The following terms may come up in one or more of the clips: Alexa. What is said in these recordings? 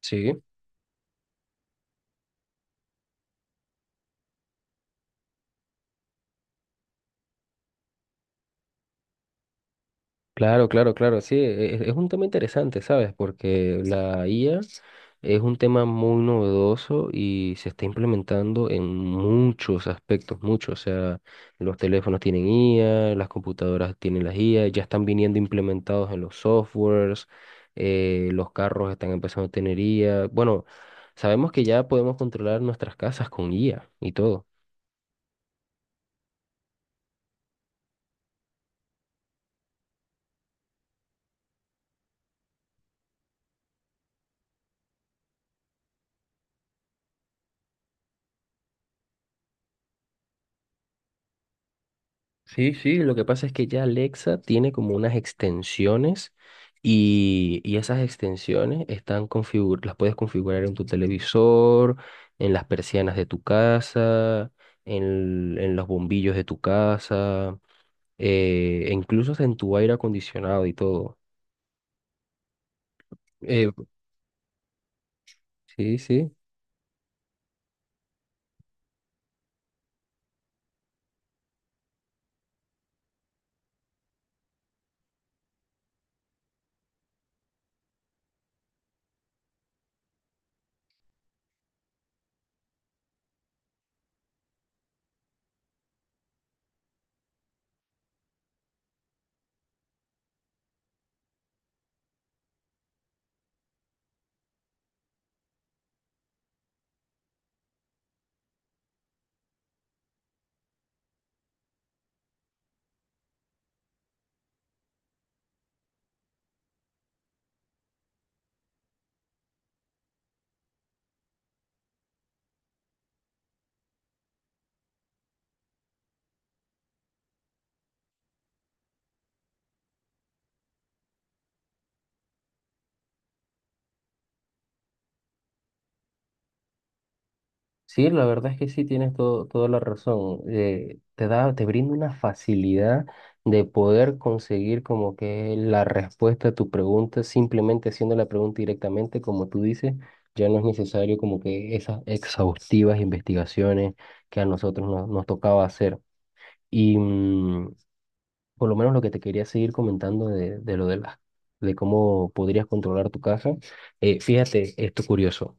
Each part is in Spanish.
Sí, claro, claro, claro, sí, es un tema interesante, ¿sabes? Porque la IA es un tema muy novedoso y se está implementando en muchos aspectos, muchos, o sea, los teléfonos tienen IA, las computadoras tienen las IA, ya están viniendo implementados en los softwares, los carros están empezando a tener IA, bueno, sabemos que ya podemos controlar nuestras casas con IA y todo. Sí, sí, lo que pasa es que ya Alexa tiene como unas extensiones y esas extensiones están configuradas, las puedes configurar en tu televisor, en las persianas de tu casa, en los bombillos de tu casa, e incluso hasta en tu aire acondicionado y todo. Eh, sí, sí. Sí, la verdad es que sí tienes toda la razón. Te da, te brinda una facilidad de poder conseguir como que la respuesta a tu pregunta, simplemente haciendo la pregunta directamente, como tú dices, ya no es necesario como que esas exhaustivas investigaciones que a nosotros nos tocaba hacer. Y por lo menos lo que te quería seguir comentando de lo de de cómo podrías controlar tu casa. Fíjate, esto curioso.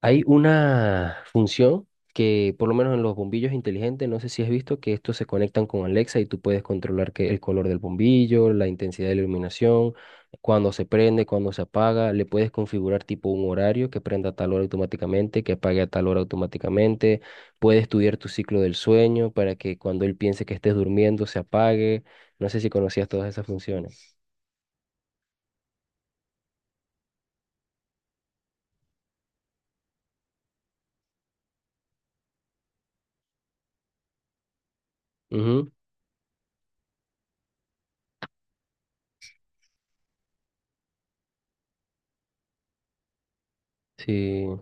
Hay una función que, por lo menos en los bombillos inteligentes, no sé si has visto que estos se conectan con Alexa y tú puedes controlar que el color del bombillo, la intensidad de la iluminación, cuando se prende, cuando se apaga. Le puedes configurar tipo un horario que prenda a tal hora automáticamente, que apague a tal hora automáticamente. Puedes estudiar tu ciclo del sueño para que cuando él piense que estés durmiendo se apague. No sé si conocías todas esas funciones. Ujú. Sí.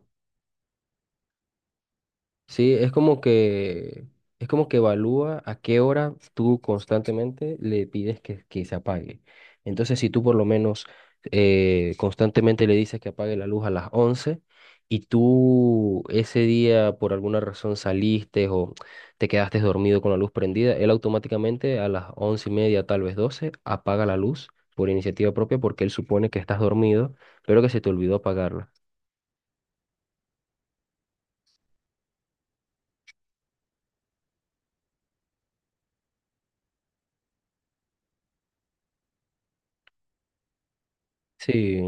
Sí, es como que evalúa a qué hora tú constantemente le pides que se apague. Entonces, si tú por lo menos constantemente le dices que apague la luz a las 11 y tú ese día por alguna razón saliste o te quedaste dormido con la luz prendida, él automáticamente a las 11 y media, tal vez doce, apaga la luz por iniciativa propia porque él supone que estás dormido, pero que se te olvidó apagarla. Sí,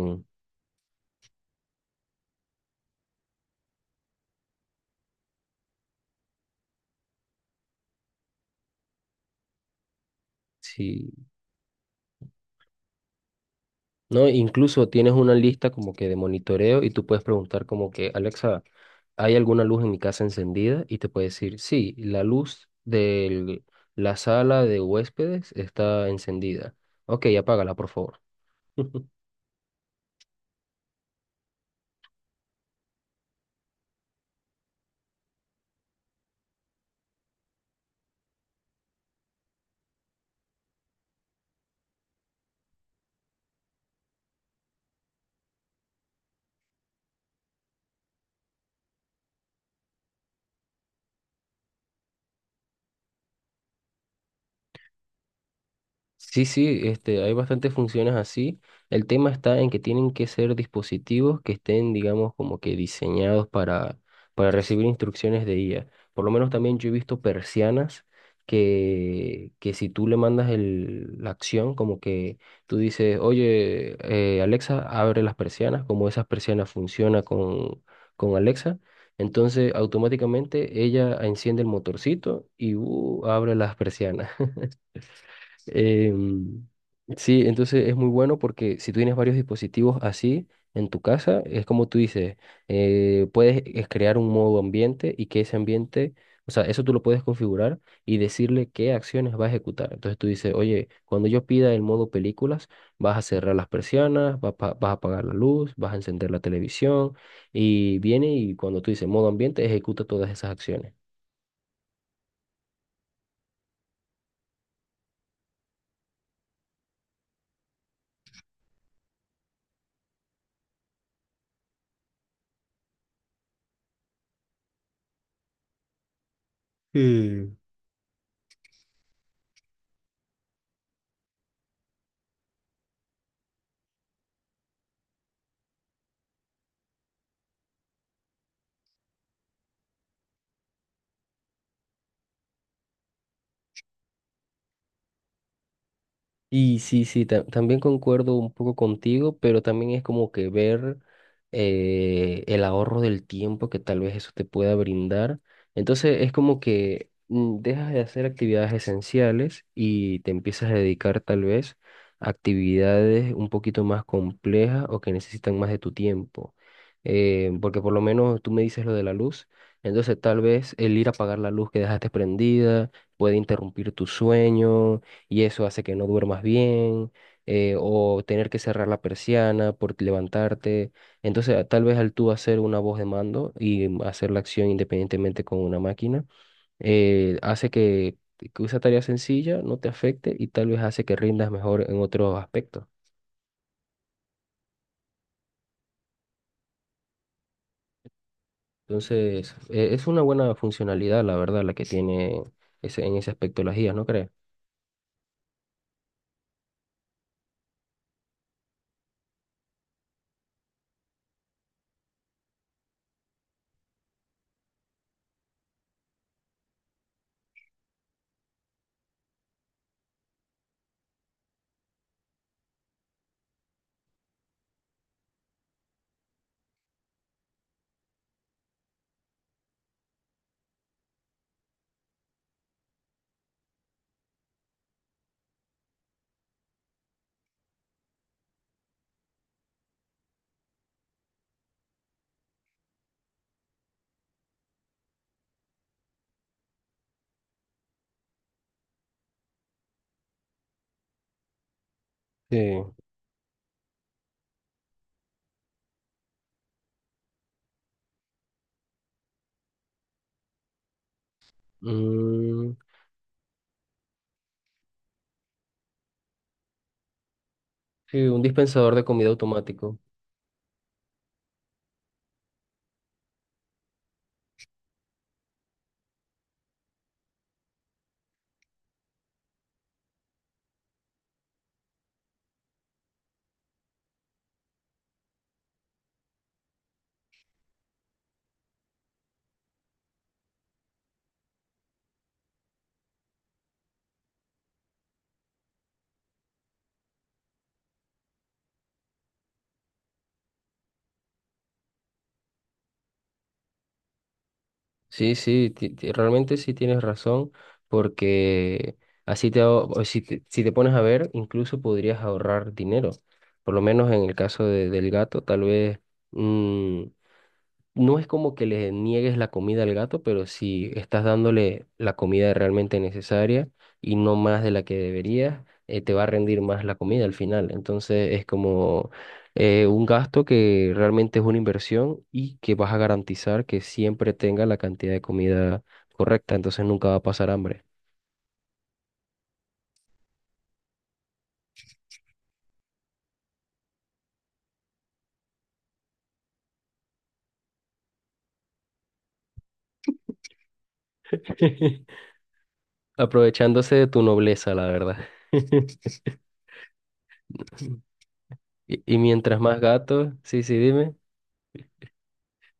sí. ¿No? Incluso tienes una lista como que de monitoreo y tú puedes preguntar como que, Alexa, ¿hay alguna luz en mi casa encendida? Y te puede decir, sí, la luz de la sala de huéspedes está encendida. Ok, apágala, por favor. Sí, sí, este, hay bastantes funciones así. El tema está en que tienen que ser dispositivos que estén, digamos, como que diseñados para recibir instrucciones de IA. Por lo menos también yo he visto persianas que si tú le mandas el, la acción, como que tú dices, oye, Alexa, abre las persianas, como esas persianas funcionan con Alexa. Entonces, automáticamente ella enciende el motorcito y abre las persianas. Em, sí, entonces es muy bueno porque si tú tienes varios dispositivos así en tu casa, es como tú dices, puedes es crear un modo ambiente y que ese ambiente, o sea, eso tú lo puedes configurar y decirle qué acciones va a ejecutar. Entonces tú dices, oye, cuando yo pida el modo películas, vas a cerrar las persianas, vas a apagar la luz, vas a encender la televisión y viene y cuando tú dices modo ambiente, ejecuta todas esas acciones. Y sí, sí, también concuerdo un poco contigo, pero también es como que ver el ahorro del tiempo que tal vez eso te pueda brindar. Entonces es como que dejas de hacer actividades esenciales y te empiezas a dedicar tal vez a actividades un poquito más complejas o que necesitan más de tu tiempo. Porque por lo menos tú me dices lo de la luz, entonces tal vez el ir a apagar la luz que dejaste prendida puede interrumpir tu sueño y eso hace que no duermas bien, o tener que cerrar la persiana por levantarte. Entonces, tal vez al tú hacer una voz de mando y hacer la acción independientemente con una máquina, hace que esa tarea sencilla no te afecte y tal vez hace que rindas mejor en otros aspectos. Entonces, es una buena funcionalidad, la verdad, la que tiene en ese aspecto las guías, ¿no crees? Sí. Mm, sí, un dispensador de comida automático. Sí, sí, realmente sí tienes razón, porque así te, ahor- o si te, si te pones a ver, incluso podrías ahorrar dinero. Por lo menos en el caso del gato, tal vez mm, no es como que le niegues la comida al gato, pero si estás dándole la comida realmente necesaria y no más de la que deberías, te va a rendir más la comida al final. Entonces es como un gasto que realmente es una inversión y que vas a garantizar que siempre tenga la cantidad de comida correcta, entonces nunca va a pasar hambre. Aprovechándose de tu nobleza, la verdad. Y, y mientras más gatos, sí, sí,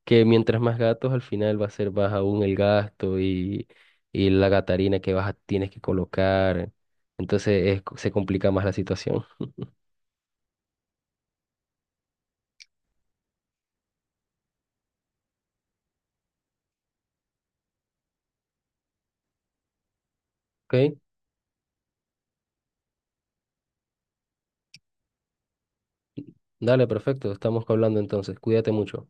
que mientras más gatos, al final va a ser baja aún el gasto y la gatarina que tienes que colocar. Entonces se complica más la situación. ¿Ok? Dale, perfecto. Estamos hablando entonces. Cuídate mucho.